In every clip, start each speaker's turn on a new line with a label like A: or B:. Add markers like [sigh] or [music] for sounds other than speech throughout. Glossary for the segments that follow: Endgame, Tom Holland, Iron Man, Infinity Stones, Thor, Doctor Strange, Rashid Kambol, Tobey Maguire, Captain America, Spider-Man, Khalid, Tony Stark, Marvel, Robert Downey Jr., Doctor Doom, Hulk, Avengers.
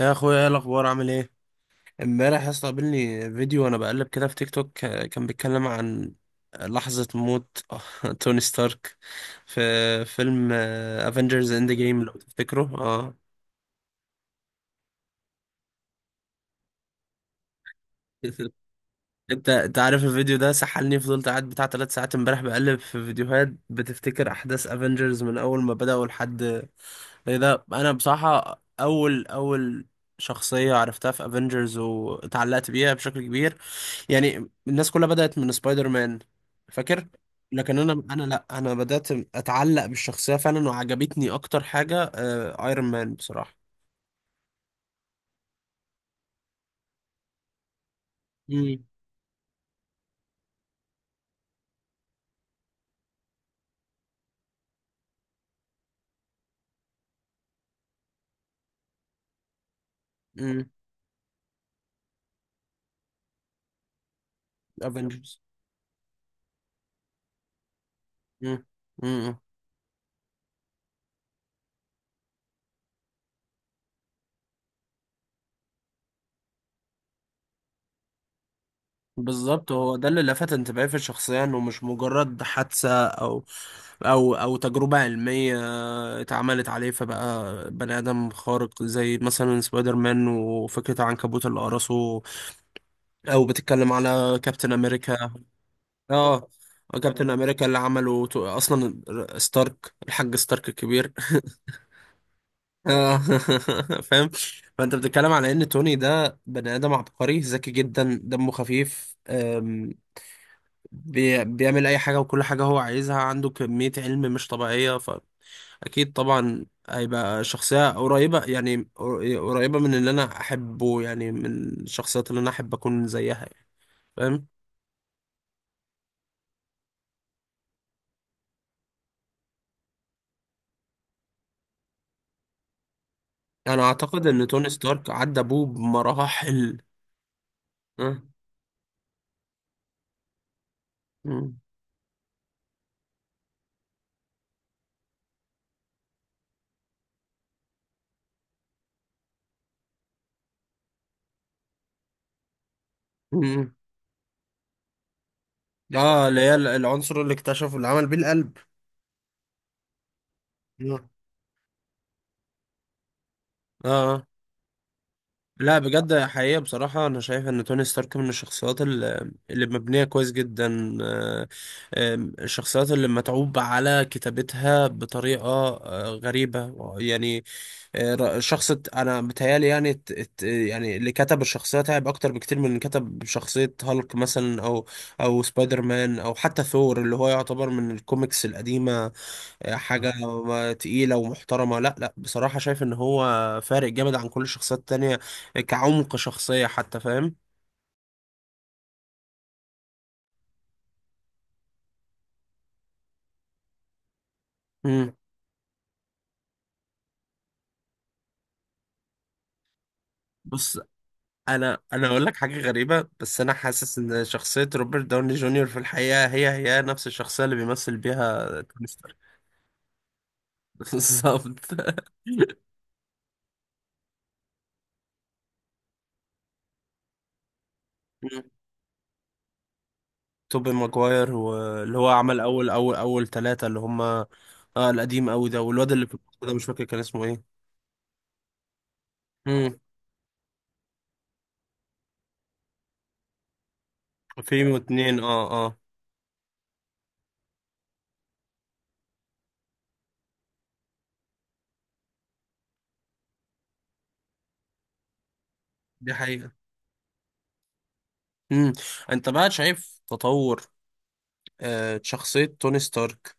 A: يا اخويا، ايه الاخبار؟ عامل ايه؟ امبارح يا اسطى قابلني فيديو وانا بقلب كده في تيك توك، كان بيتكلم عن لحظة موت [laughs] توني ستارك في فيلم افنجرز اند جيم، لو تفتكره. اه. [laughs] انت عارف الفيديو ده سحلني، فضلت قاعد بتاع ثلاث ساعات امبارح بقلب في فيديوهات بتفتكر احداث افنجرز من اول ما بدأوا لحد ايه ده. انا بصراحة اول شخصية عرفتها في افنجرز واتعلقت بيها بشكل كبير. يعني الناس كلها بدأت من سبايدر مان، فاكر؟ لكن انا لا، انا بدأت اتعلق بالشخصية فعلا، وعجبتني اكتر حاجة ايرون مان بصراحة. امم. امم. افنجرز. بالظبط، هو ده اللي لفت انتباهي في الشخصية، انه مش مجرد حادثة او، او تجربة علمية اتعملت عليه فبقى بني ادم خارق، زي مثلا سبايدر مان وفكرة عنكبوت اللي قرصه، او بتتكلم على كابتن امريكا. اه. كابتن امريكا اللي عمله اصلا ستارك، الحاج ستارك الكبير. اه. [laughs] فاهم؟ فانت بتتكلم على ان توني ده بني ادم عبقري ذكي جدا، دمه خفيف، بيعمل اي حاجة، وكل حاجة هو عايزها، عنده كمية علم مش طبيعية. فاكيد طبعا هيبقى شخصية قريبة، يعني قريبة من اللي انا احبه، يعني من الشخصيات اللي انا احب اكون زيها، يعني. فاهم؟ انا اعتقد ان توني ستارك عدى ابوه بمراحل. أه. مم. مم. اه، اللي هي العنصر اللي اكتشفه، اللي عمل بيه القلب. اه. آه. لا، بجد حقيقة، بصراحة أنا شايف إن توني ستارك من الشخصيات اللي مبنية كويس جدا، الشخصيات اللي متعوب على كتابتها بطريقة غريبة يعني. أنا بتهيالي يعني، يعني اللي كتب الشخصية تعب أكتر بكتير من اللي كتب شخصية هالك مثلا، أو سبايدر مان، أو حتى ثور اللي هو يعتبر من الكوميكس القديمة. حاجة تقيلة ومحترمة. لا لا، بصراحة شايف ان هو فارق جامد عن كل الشخصيات التانية كعمق شخصية حتى، فاهم؟ مم. بص، انا اقول لك حاجة غريبة، بس انا حاسس ان شخصية روبرت داوني جونيور في الحقيقة هي نفس الشخصية اللي بيمثل بيها توني ستارك. [laughs] بالظبط. مم. توبي ماجواير واللي هو عمل اول ثلاثة، اللي هما اه القديم قوي ده، والواد اللي في النص ده مش فاكر كان اسمه ايه. مم. فيلم اتنين. اه اه. دي حقيقة. مم. انت بقى شايف تطور شخصية توني ستارك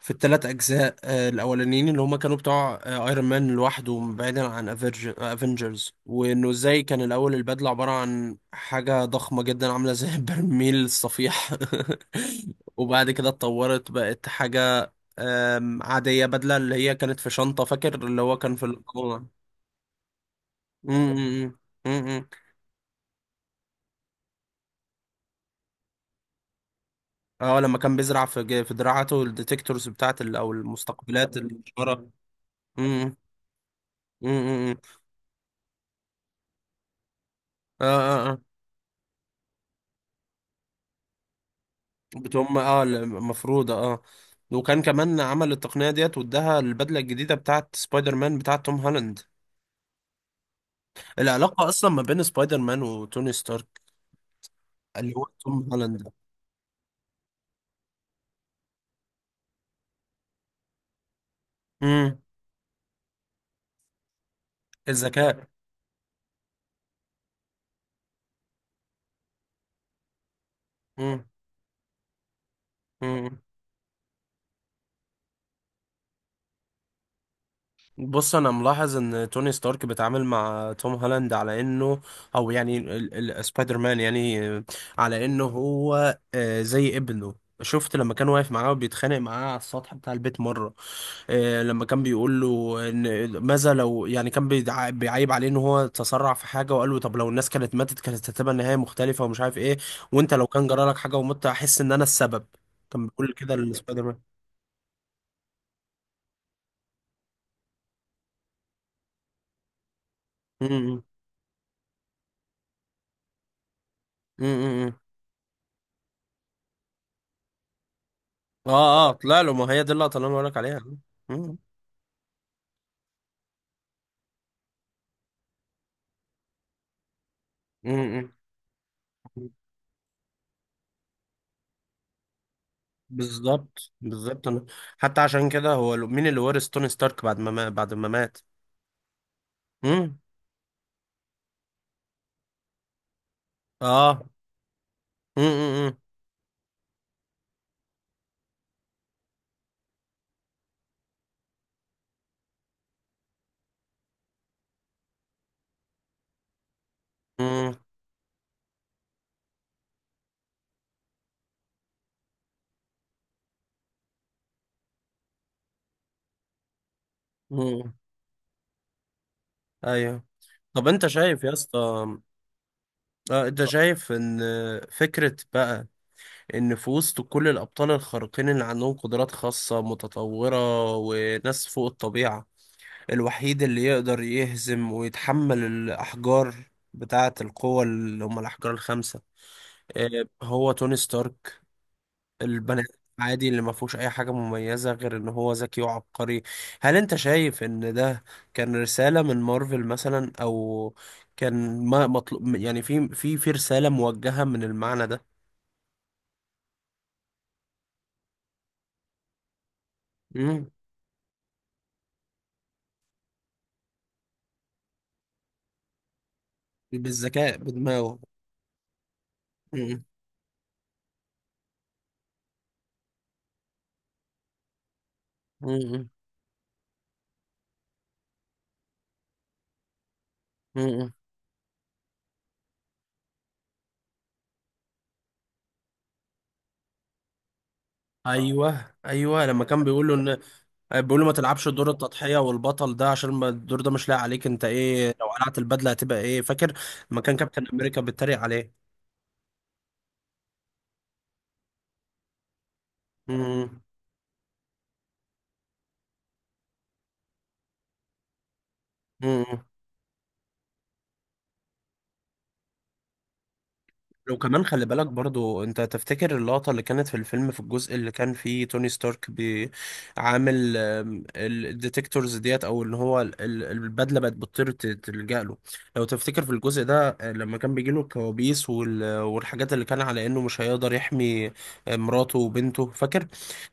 A: في الثلاث اجزاء الاولانيين، اللي هما كانوا بتوع ايرون مان لوحده، بعيدا عن افنجرز، وانه ازاي كان الاول البدلة عبارة عن حاجة ضخمة جدا عاملة زي [laughs] برميل الصفيح. [laughs] وبعد كده اتطورت، بقت حاجة عادية، بدلة اللي هي كانت في شنطة، فاكر اللي هو كان في الكورة. اه، لما كان بيزرع في في دراعاته الديتكتورز بتاعت او المستقبلات الاشاره. امم. امم. اه اه. اه، بتقوم اه، المفروضه اه. وكان كمان عمل التقنيه ديت، واداها البدله الجديده بتاعت سبايدر مان بتاعت توم هولاند. العلاقه اصلا ما بين سبايدر مان وتوني ستارك، اللي هو توم هولاند. امم. الذكاء. امم. بص، انا ملاحظ ان توني ستارك بيتعامل مع توم هولاند على انه، او يعني سبايدر مان، يعني، على انه هو زي ابنه. شفت لما كان واقف معاه وبيتخانق معاه على السطح بتاع البيت مرة، لما كان بيقول له ان ماذا لو، يعني كان بيعيب عليه ان هو تسرع في حاجة، وقال له طب لو الناس كانت ماتت كانت هتبقى النهاية مختلفة ومش عارف ايه. وانت لو كان جرالك حاجة ومت احس ان انا السبب. كان بيقول كده لسبايدر مان. م- م- م- م- م. اه اه، طلع له، ما هي دي اللقطة اللي انا بقولك عليها. مم. امم. بالظبط بالظبط. انا حتى عشان كده، هو مين اللي ورث توني ستارك بعد ما، بعد ما مات. امم. اه. امم. امم. امم. ايوه. طب انت شايف يا اسطى، آه، انت شايف ان فكرة بقى، ان في وسط كل الابطال الخارقين اللي عندهم قدرات خاصة متطورة وناس فوق الطبيعة، الوحيد اللي يقدر يهزم ويتحمل الأحجار بتاعة القوة، اللي هم الأحجار الخمسة، هو توني ستارك، البني آدم عادي اللي ما فيهوش أي حاجة مميزة غير إن هو ذكي وعبقري. هل أنت شايف إن ده كان رسالة من مارفل مثلا، أو كان ما مطلوب يعني، في رسالة موجهة من المعنى ده؟ مم. بالذكاء بدماغه. مم. مم. مم. ايوه ايوه، لما كان بيقول له ان، بيقولوا ما تلعبش دور التضحية والبطل ده، عشان ما الدور ده مش لاقي عليك، انت ايه لو قلعت البدلة هتبقى ايه، فاكر؟ لما كان كابتن امريكا بيتريق عليه. امم. امم. لو كمان خلي بالك برضو، انت تفتكر اللقطة اللي كانت في الفيلم، في الجزء اللي كان فيه توني ستارك بيعامل الديتكتورز ديت، او ان هو البدلة بقت بتطير تلجأ له؟ لو تفتكر في الجزء ده، لما كان بيجيله الكوابيس والحاجات اللي كان على انه مش هيقدر يحمي مراته وبنته، فاكر؟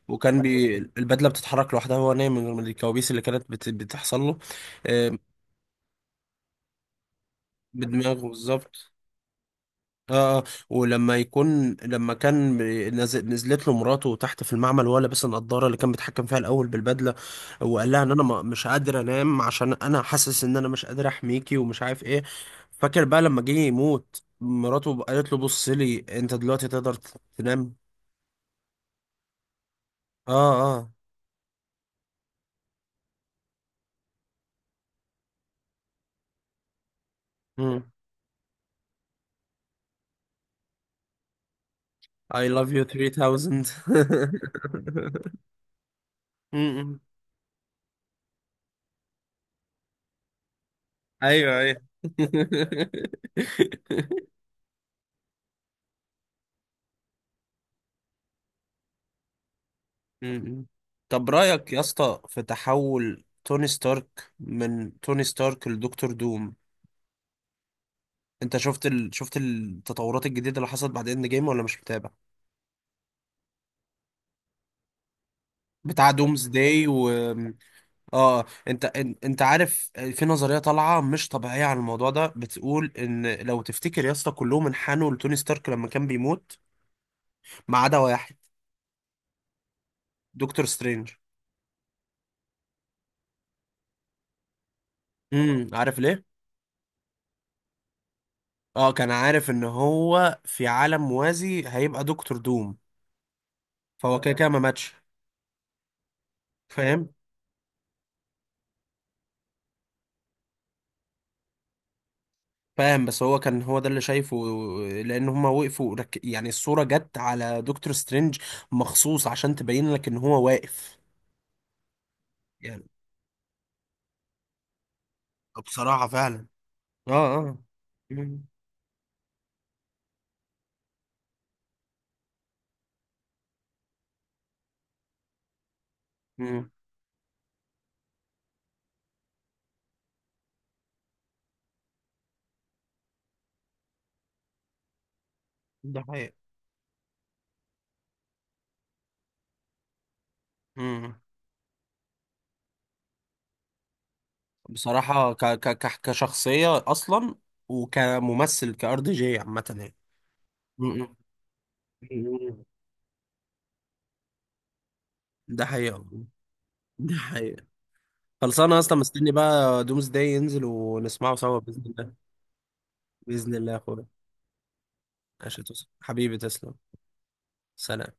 A: وكان بي البدله بتتحرك لوحدها وهو نايم، من الكوابيس اللي كانت بتحصل له. آه، بدماغه بالظبط. اه. آه. ولما يكون، لما كان نزلت له مراته تحت في المعمل وهو لابس النضاره اللي كان بيتحكم فيها الاول بالبدله، وقال لها ان انا، مش قادر انام عشان انا حاسس ان انا مش قادر احميكي ومش عارف ايه. فاكر بقى لما جه يموت مراته قالت له بص لي انت دلوقتي تقدر تنام. اه. اه. مم. I love you 3000. [laughs] ايوه ايوه. [laughs] م-م. طب رأيك يا اسطى في تحول توني ستارك من توني ستارك لدكتور دوم؟ انت شفت التطورات الجديدة اللي حصلت بعد اند جيم، ولا مش متابع؟ بتاع دومز داي و... اه. انت عارف في نظرية طالعة مش طبيعية عن الموضوع ده، بتقول ان لو تفتكر يا اسطى كلهم انحنوا لتوني ستارك لما كان بيموت، ما عدا واحد. دكتور سترينج. امم، عارف ليه؟ اه، كان عارف ان هو في عالم موازي هيبقى دكتور دوم، فهو كده كده ما ماتش. فاهم، فاهم، بس هو كان هو ده اللي شايفه، لان هما وقفوا يعني الصورة جت على دكتور سترينج مخصوص عشان تبين لك ان هو واقف، يعني. بصراحة فعلا. اه اه. مم. مم. ده حقيقي. مم. بصراحة كشخصية اصلا وكممثل، كار دي جي عامة يعني. مم. مم. ده حقيقة. ده حقيقة. خلصانه اصلا. مستني بقى دومز داي ينزل ونسمعه سوا باذن الله. باذن الله يا اخويا. عشان توصل حبيبي، تسلم. سلام.